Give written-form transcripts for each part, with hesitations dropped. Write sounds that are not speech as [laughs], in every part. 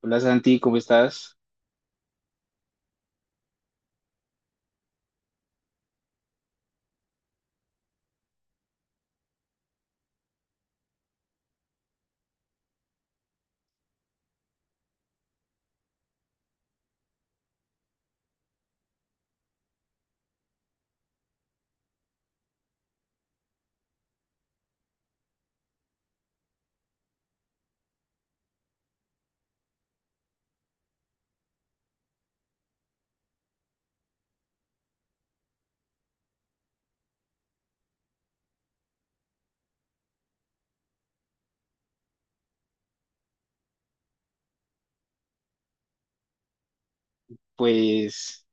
Hola Santi, ¿cómo estás? Pues,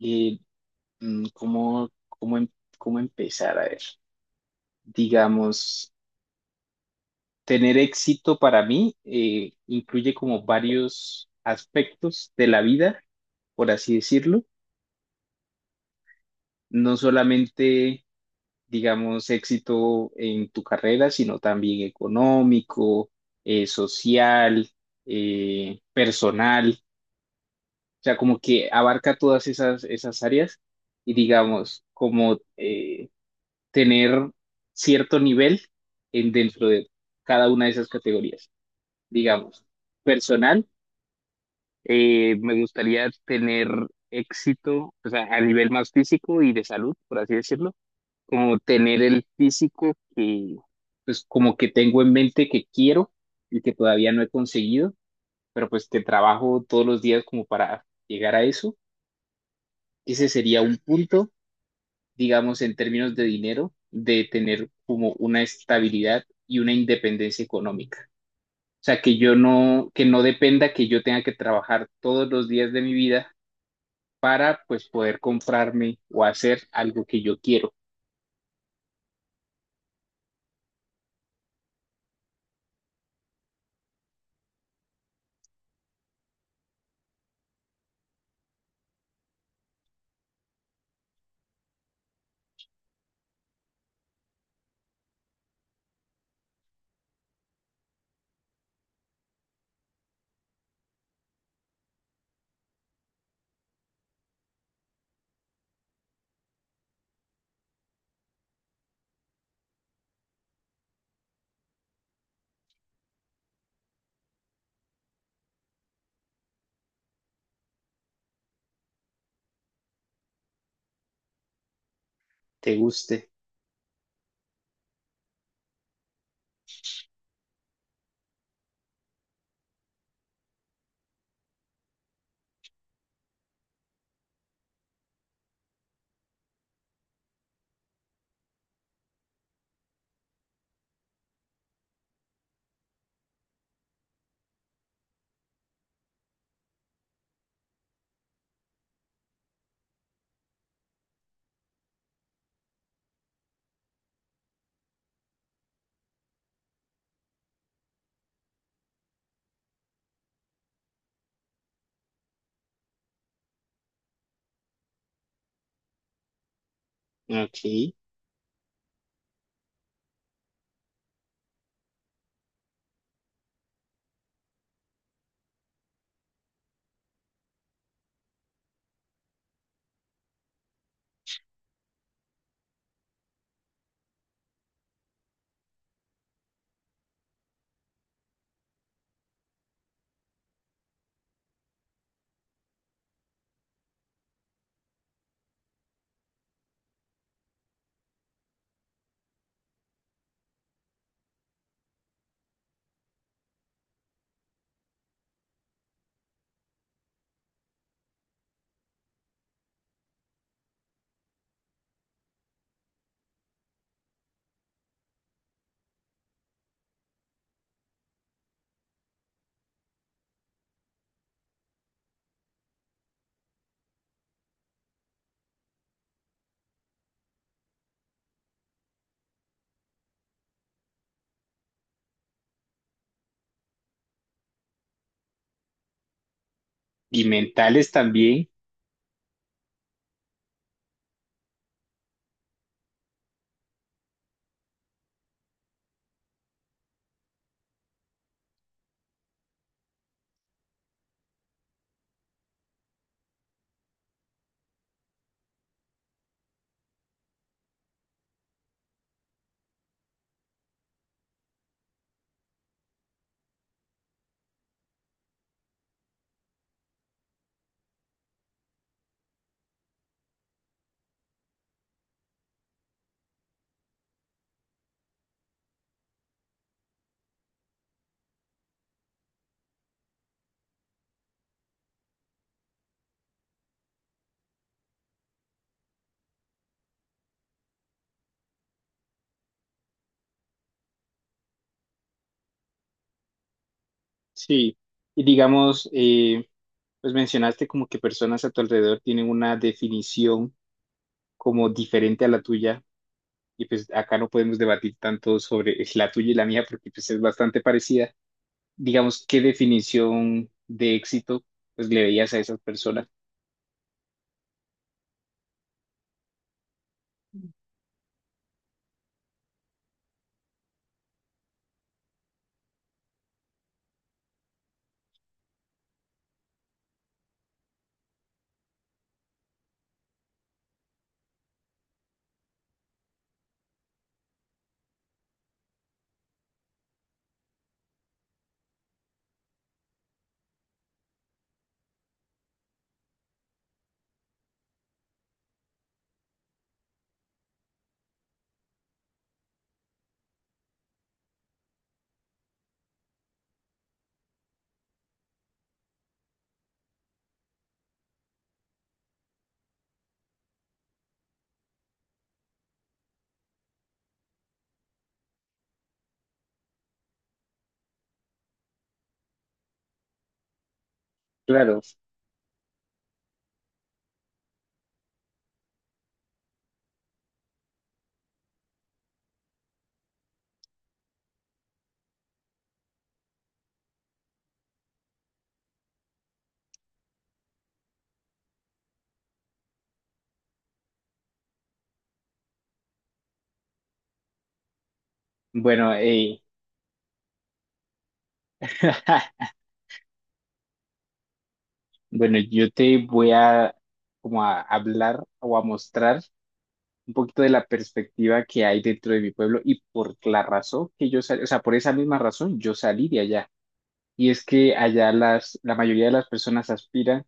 eh, ¿cómo, cómo empezar? A ver, digamos, tener éxito para mí incluye como varios aspectos de la vida, por así decirlo. No solamente, digamos, éxito en tu carrera, sino también económico, social, personal. O sea, como que abarca todas esas áreas y digamos, como tener cierto nivel en, dentro de cada una de esas categorías. Digamos, personal, me gustaría tener éxito, o sea, a nivel más físico y de salud, por así decirlo, como tener el físico que, pues, como que tengo en mente que quiero y que todavía no he conseguido, pero pues que trabajo todos los días como para llegar a eso, ese sería un punto, digamos, en términos de dinero, de tener como una estabilidad y una independencia económica. O sea, que no dependa que yo tenga que trabajar todos los días de mi vida para pues poder comprarme o hacer algo que yo quiero, te guste. Ok. Y mentales también. Sí. Y digamos, pues mencionaste como que personas a tu alrededor tienen una definición como diferente a la tuya y pues acá no podemos debatir tanto sobre la tuya y la mía porque pues es bastante parecida. Digamos, ¿qué definición de éxito pues le veías a esas personas? Claro, bueno, [laughs] bueno, yo te voy a como a hablar o a mostrar un poquito de la perspectiva que hay dentro de mi pueblo y por la razón que yo salí, o sea, por esa misma razón yo salí de allá. Y es que allá la mayoría de las personas aspiran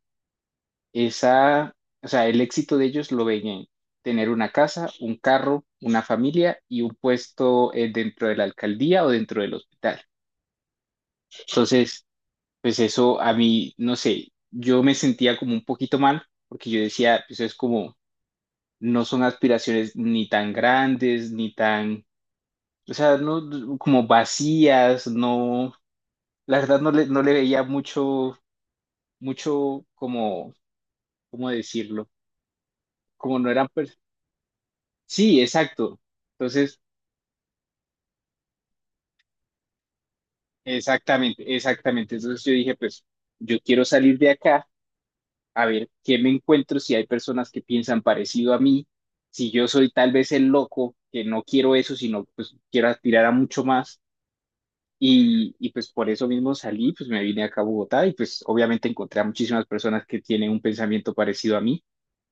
esa, o sea, el éxito de ellos lo ven en tener una casa, un carro, una familia y un puesto dentro de la alcaldía o dentro del hospital. Entonces, pues eso a mí, no sé, yo me sentía como un poquito mal porque yo decía, pues es como, no son aspiraciones ni tan grandes, ni tan, o sea, como vacías, no, la verdad no le veía mucho, mucho como, ¿cómo decirlo? Como no eran, pers- Sí, exacto. Entonces, exactamente, exactamente. Entonces yo dije, pues yo quiero salir de acá a ver qué me encuentro, si hay personas que piensan parecido a mí, si yo soy tal vez el loco, que no quiero eso, sino pues quiero aspirar a mucho más. Y pues por eso mismo salí, pues me vine acá a Bogotá y pues obviamente encontré a muchísimas personas que tienen un pensamiento parecido a mí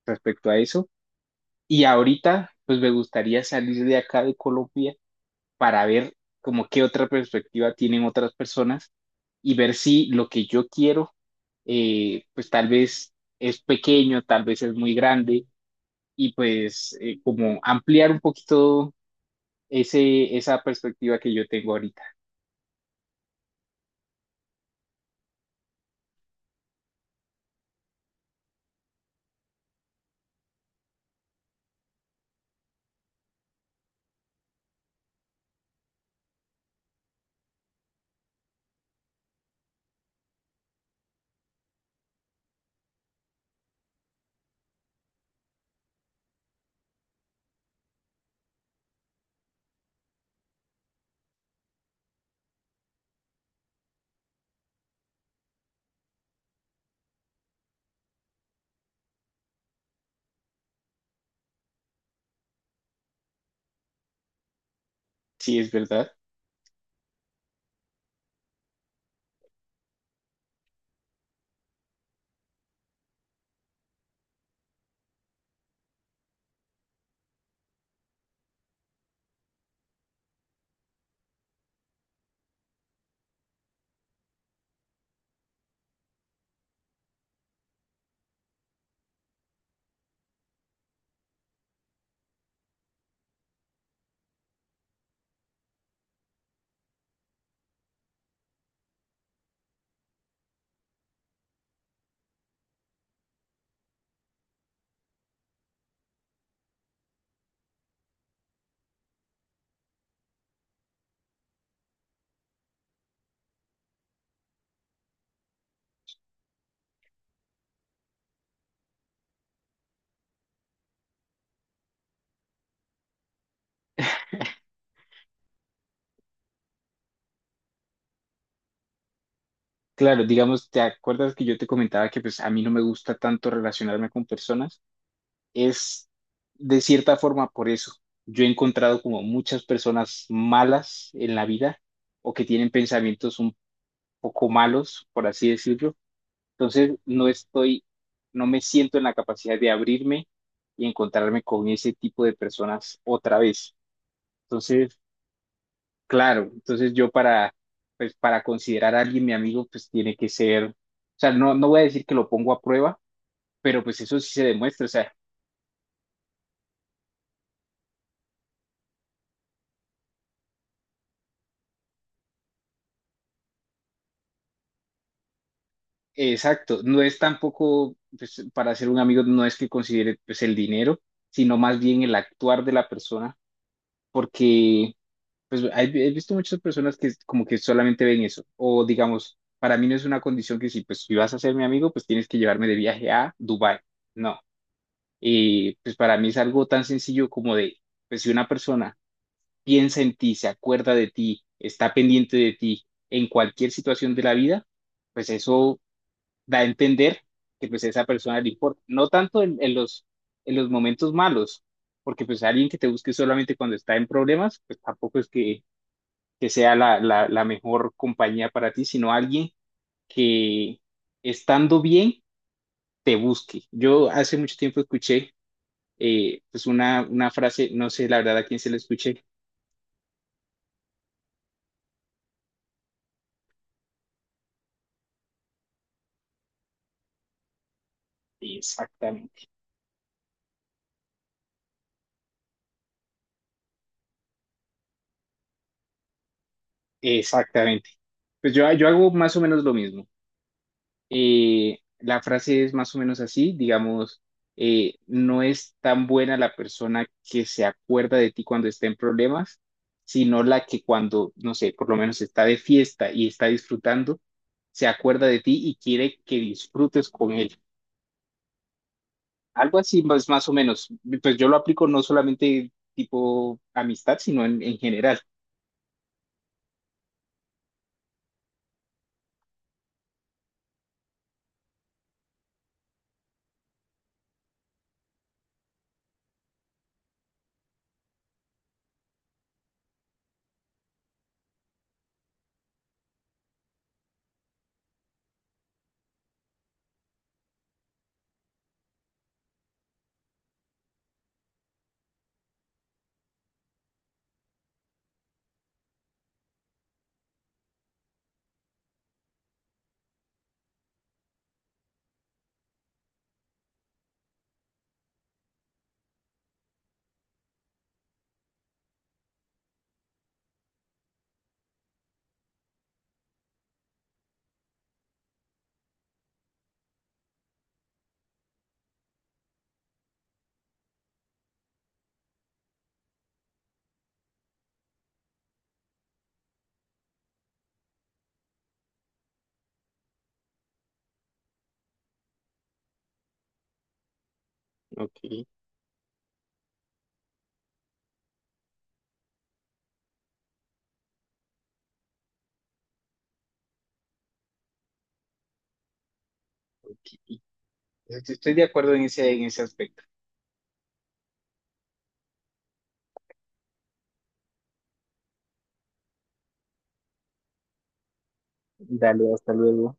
respecto a eso. Y ahorita, pues me gustaría salir de acá de Colombia para ver como qué otra perspectiva tienen otras personas y ver si lo que yo quiero, pues tal vez es pequeño, tal vez es muy grande y pues como ampliar un poquito esa perspectiva que yo tengo ahorita. Sí, es verdad. Claro, digamos, ¿te acuerdas que yo te comentaba que pues a mí no me gusta tanto relacionarme con personas? Es de cierta forma por eso. Yo he encontrado como muchas personas malas en la vida o que tienen pensamientos un poco malos, por así decirlo. Entonces, no me siento en la capacidad de abrirme y encontrarme con ese tipo de personas otra vez. Entonces, claro, entonces yo para, pues, para considerar a alguien mi amigo, pues tiene que ser, o sea, no voy a decir que lo pongo a prueba, pero pues eso sí se demuestra, o sea, exacto, no es tampoco, pues, para ser un amigo no es que considere, pues, el dinero, sino más bien el actuar de la persona, porque pues he visto muchas personas que como que solamente ven eso, o digamos, para mí no es una condición que si vas a ser mi amigo, pues tienes que llevarme de viaje a Dubái. No. Y pues para mí es algo tan sencillo como de, pues si una persona piensa en ti, se acuerda de ti, está pendiente de ti en cualquier situación de la vida, pues eso da a entender que pues a esa persona le importa, no tanto en los momentos malos, porque pues alguien que te busque solamente cuando está en problemas, pues tampoco es que sea la mejor compañía para ti, sino alguien que estando bien te busque. Yo hace mucho tiempo escuché pues una frase, no sé la verdad a quién se la escuché. Exactamente, exactamente. Pues yo hago más o menos lo mismo. La frase es más o menos así, digamos, no es tan buena la persona que se acuerda de ti cuando está en problemas, sino la que cuando, no sé, por lo menos está de fiesta y está disfrutando, se acuerda de ti y quiere que disfrutes con él. Algo así más, más o menos. Pues yo lo aplico no solamente tipo amistad, sino en general. Ok, ok. Estoy de acuerdo en ese aspecto. Dale, hasta luego.